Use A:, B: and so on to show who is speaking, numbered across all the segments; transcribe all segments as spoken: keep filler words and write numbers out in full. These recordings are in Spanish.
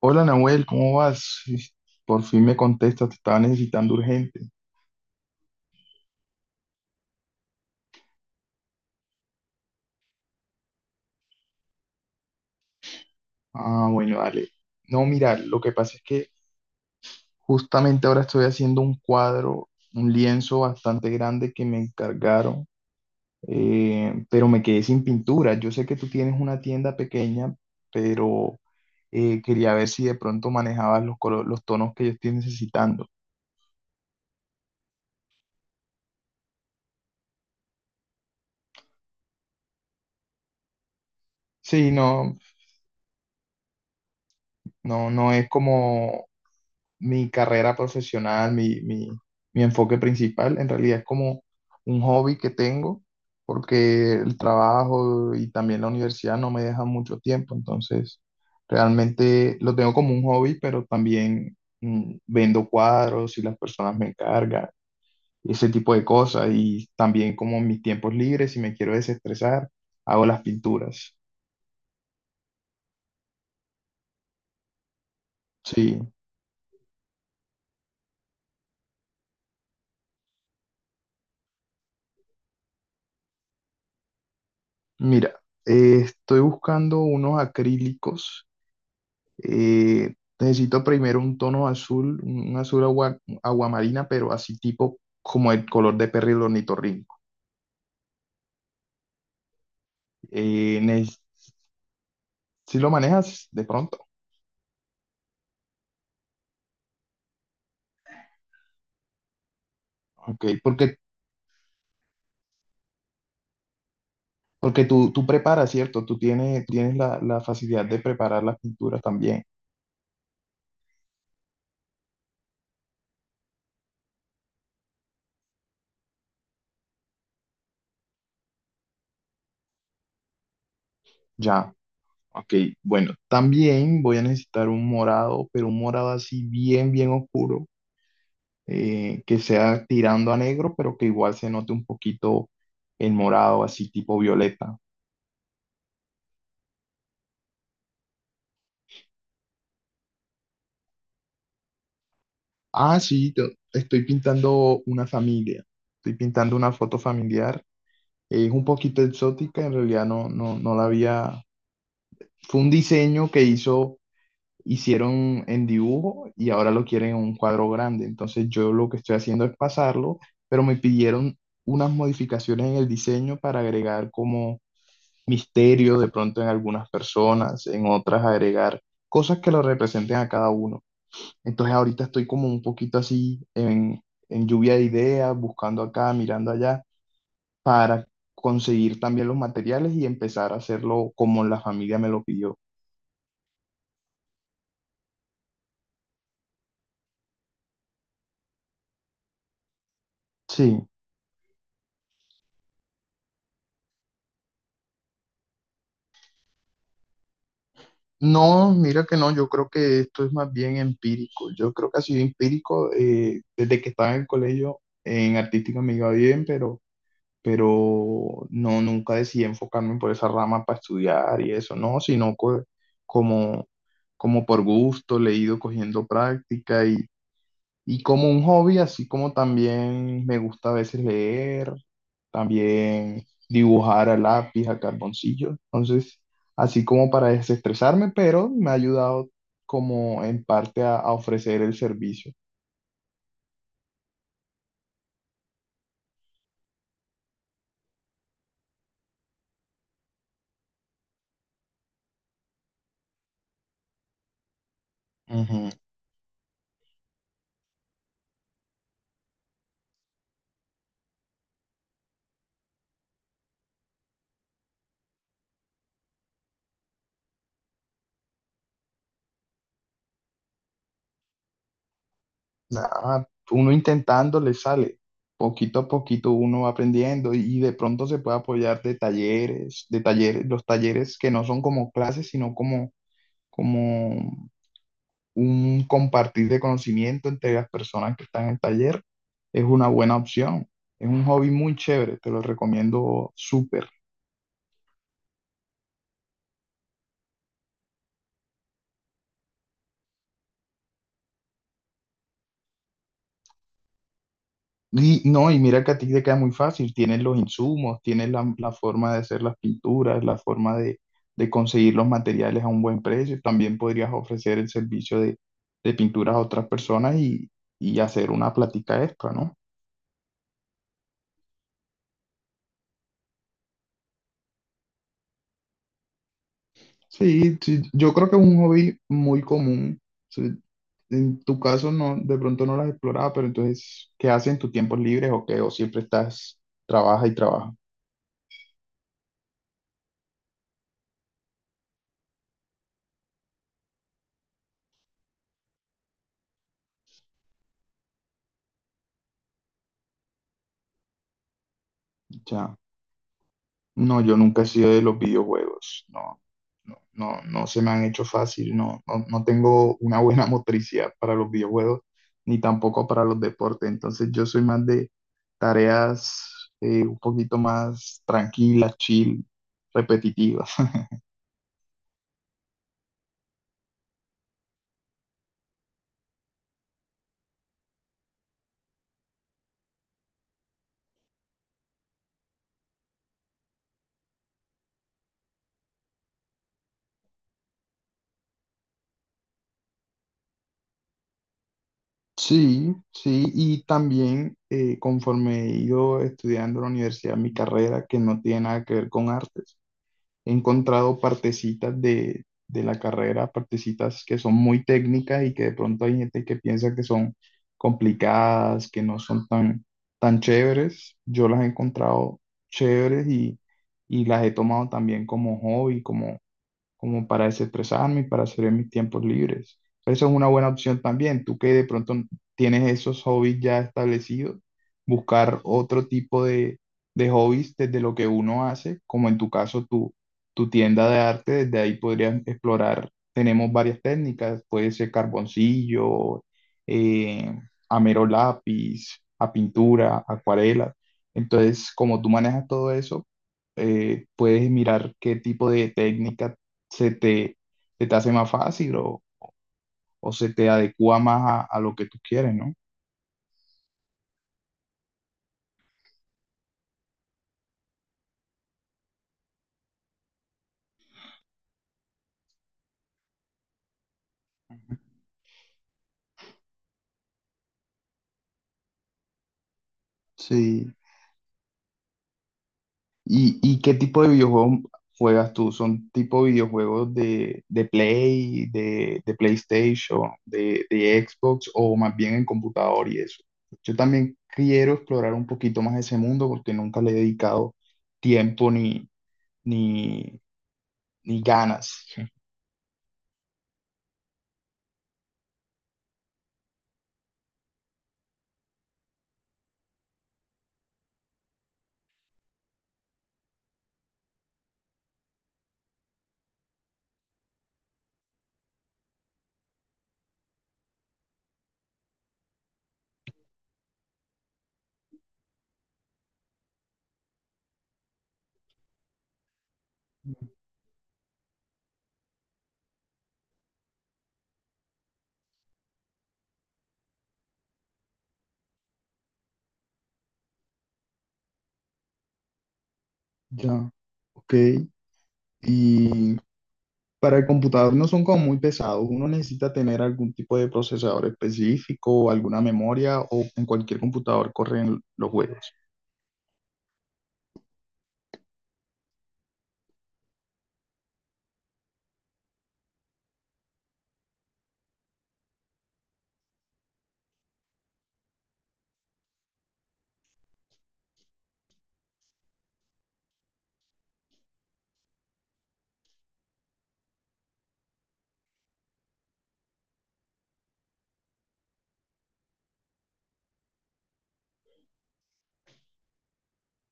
A: Hola Nahuel, ¿cómo vas? Sí, por fin me contestas, te estaba necesitando urgente. Ah, bueno, dale. No, mira, lo que pasa es que justamente ahora estoy haciendo un cuadro, un lienzo bastante grande que me encargaron, eh, pero me quedé sin pintura. Yo sé que tú tienes una tienda pequeña, pero eh, quería ver si de pronto manejabas los colo- los tonos que yo estoy necesitando. Sí, no, no, no es como mi carrera profesional, mi, mi, mi enfoque principal. En realidad es como un hobby que tengo, porque el trabajo y también la universidad no me dejan mucho tiempo, entonces realmente lo tengo como un hobby, pero también mm, vendo cuadros y las personas me encargan, ese tipo de cosas, y también como en mis tiempos libres, si me quiero desestresar, hago las pinturas. Sí, mira, eh, estoy buscando unos acrílicos. Eh, necesito primero un tono azul, un un azul agua, aguamarina, pero así tipo como el color de perro y el ornitorrinco. Eh, neces- si lo manejas de pronto, ok, porque, porque tú, tú preparas, ¿cierto? Tú tienes, tienes la, la facilidad de preparar las pinturas también, ya. Ok, bueno, también voy a necesitar un morado, pero un morado así bien, bien oscuro, eh, que sea tirando a negro, pero que igual se note un poquito el morado, así tipo violeta. Ah, sí, te- estoy pintando una familia. Estoy pintando una foto familiar. Es un poquito exótica, en realidad no, no, no la había. Fue un diseño que hizo, hicieron en dibujo y ahora lo quieren en un cuadro grande. Entonces yo lo que estoy haciendo es pasarlo, pero me pidieron unas modificaciones en el diseño para agregar como misterio de pronto en algunas personas, en otras agregar cosas que lo representen a cada uno. Entonces ahorita estoy como un poquito así en, en lluvia de ideas, buscando acá, mirando allá, para conseguir también los materiales y empezar a hacerlo como la familia me lo pidió. Sí. No, mira que no, yo creo que esto es más bien empírico. Yo creo que ha sido empírico eh, desde que estaba en el colegio, en artística me iba bien, pero... pero no, nunca decidí enfocarme por esa rama para estudiar y eso, no, sino co- como, como por gusto, le he ido cogiendo práctica y, y como un hobby, así como también me gusta a veces leer, también dibujar a lápiz, a carboncillo, entonces, así como para desestresarme, pero me ha ayudado como en parte a, a ofrecer el servicio. Nada, uno intentando le sale. Poquito a poquito uno va aprendiendo y, y de pronto se puede apoyar de talleres, de talleres, los talleres que no son como clases, sino como, como un compartir de conocimiento entre las personas que están en el taller. Es una buena opción. Es un hobby muy chévere, te lo recomiendo súper. Y no, y mira que a ti te queda muy fácil, tienes los insumos, tienes la, la forma de hacer las pinturas, la forma de, de conseguir los materiales a un buen precio. También podrías ofrecer el servicio de, de pinturas a otras personas y, y hacer una plática extra, ¿no? Sí, sí, yo creo que es un hobby muy común. Sí, en tu caso no, de pronto no lo has explorado, pero entonces, ¿qué haces en tus tiempos libres o qué? ¿O siempre estás, trabaja y trabaja? Ya. No, yo nunca he sido de los videojuegos. No, no, no, no se me han hecho fácil. No, no, no tengo una buena motricidad para los videojuegos, ni tampoco para los deportes. Entonces yo soy más de tareas eh, un poquito más tranquilas, chill, repetitivas. Sí, sí, y también eh, conforme he ido estudiando en la universidad, mi carrera, que no tiene nada que ver con artes. He encontrado partecitas de, de la carrera, partecitas que son muy técnicas y que de pronto hay gente que piensa que son complicadas, que no son tan, tan chéveres. Yo las he encontrado chéveres y, y las he tomado también como hobby, como, como para desestresarme y para hacer en mis tiempos libres. Esa es una buena opción también. Tú que de pronto tienes esos hobbies ya establecidos, buscar otro tipo de, de hobbies desde lo que uno hace, como en tu caso tu, tu tienda de arte, desde ahí podrías explorar. Tenemos varias técnicas, puede ser carboncillo, eh, a mero lápiz, a pintura, acuarela. Entonces, como tú manejas todo eso, eh, puedes mirar qué tipo de técnica se te, se te hace más fácil o, o se te adecua más a, a lo que tú quieres, ¿no? Sí. ¿Y, y qué tipo de videojuegos juegas tú? ¿Son tipo videojuegos de, de Play, de, de PlayStation, de, de Xbox o más bien en computador y eso? Yo también quiero explorar un poquito más ese mundo porque nunca le he dedicado tiempo ni, ni, ni ganas. Ya, ok. ¿Y para el computador no son como muy pesados? Uno necesita tener algún tipo de procesador específico, o alguna memoria, o en cualquier computador corren los juegos.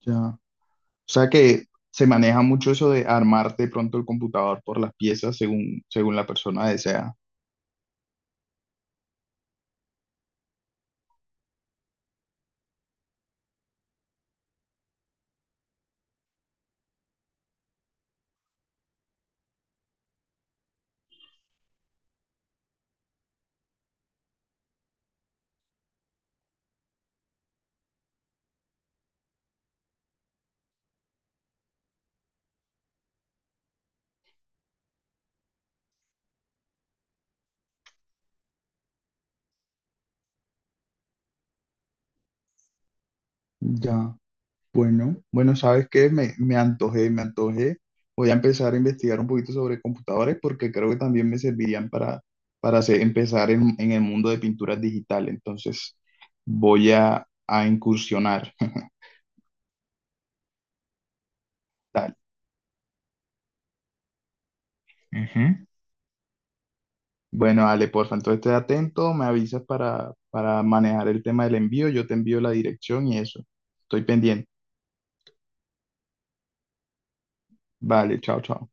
A: Ya. O sea que se maneja mucho eso de armar de pronto el computador por las piezas según, según la persona desea. Ya. Bueno, bueno, ¿sabes qué? Me, me antojé, me antojé. Voy a empezar a investigar un poquito sobre computadores porque creo que también me servirían para, para hacer- empezar en, en el mundo de pinturas digital. Entonces, voy a, a incursionar. Tal. Ujú. Bueno, Ale, porfa, entonces esté atento, me avisas para, para manejar el tema del envío, yo te envío la dirección y eso. Estoy pendiente. Vale, chao, chao.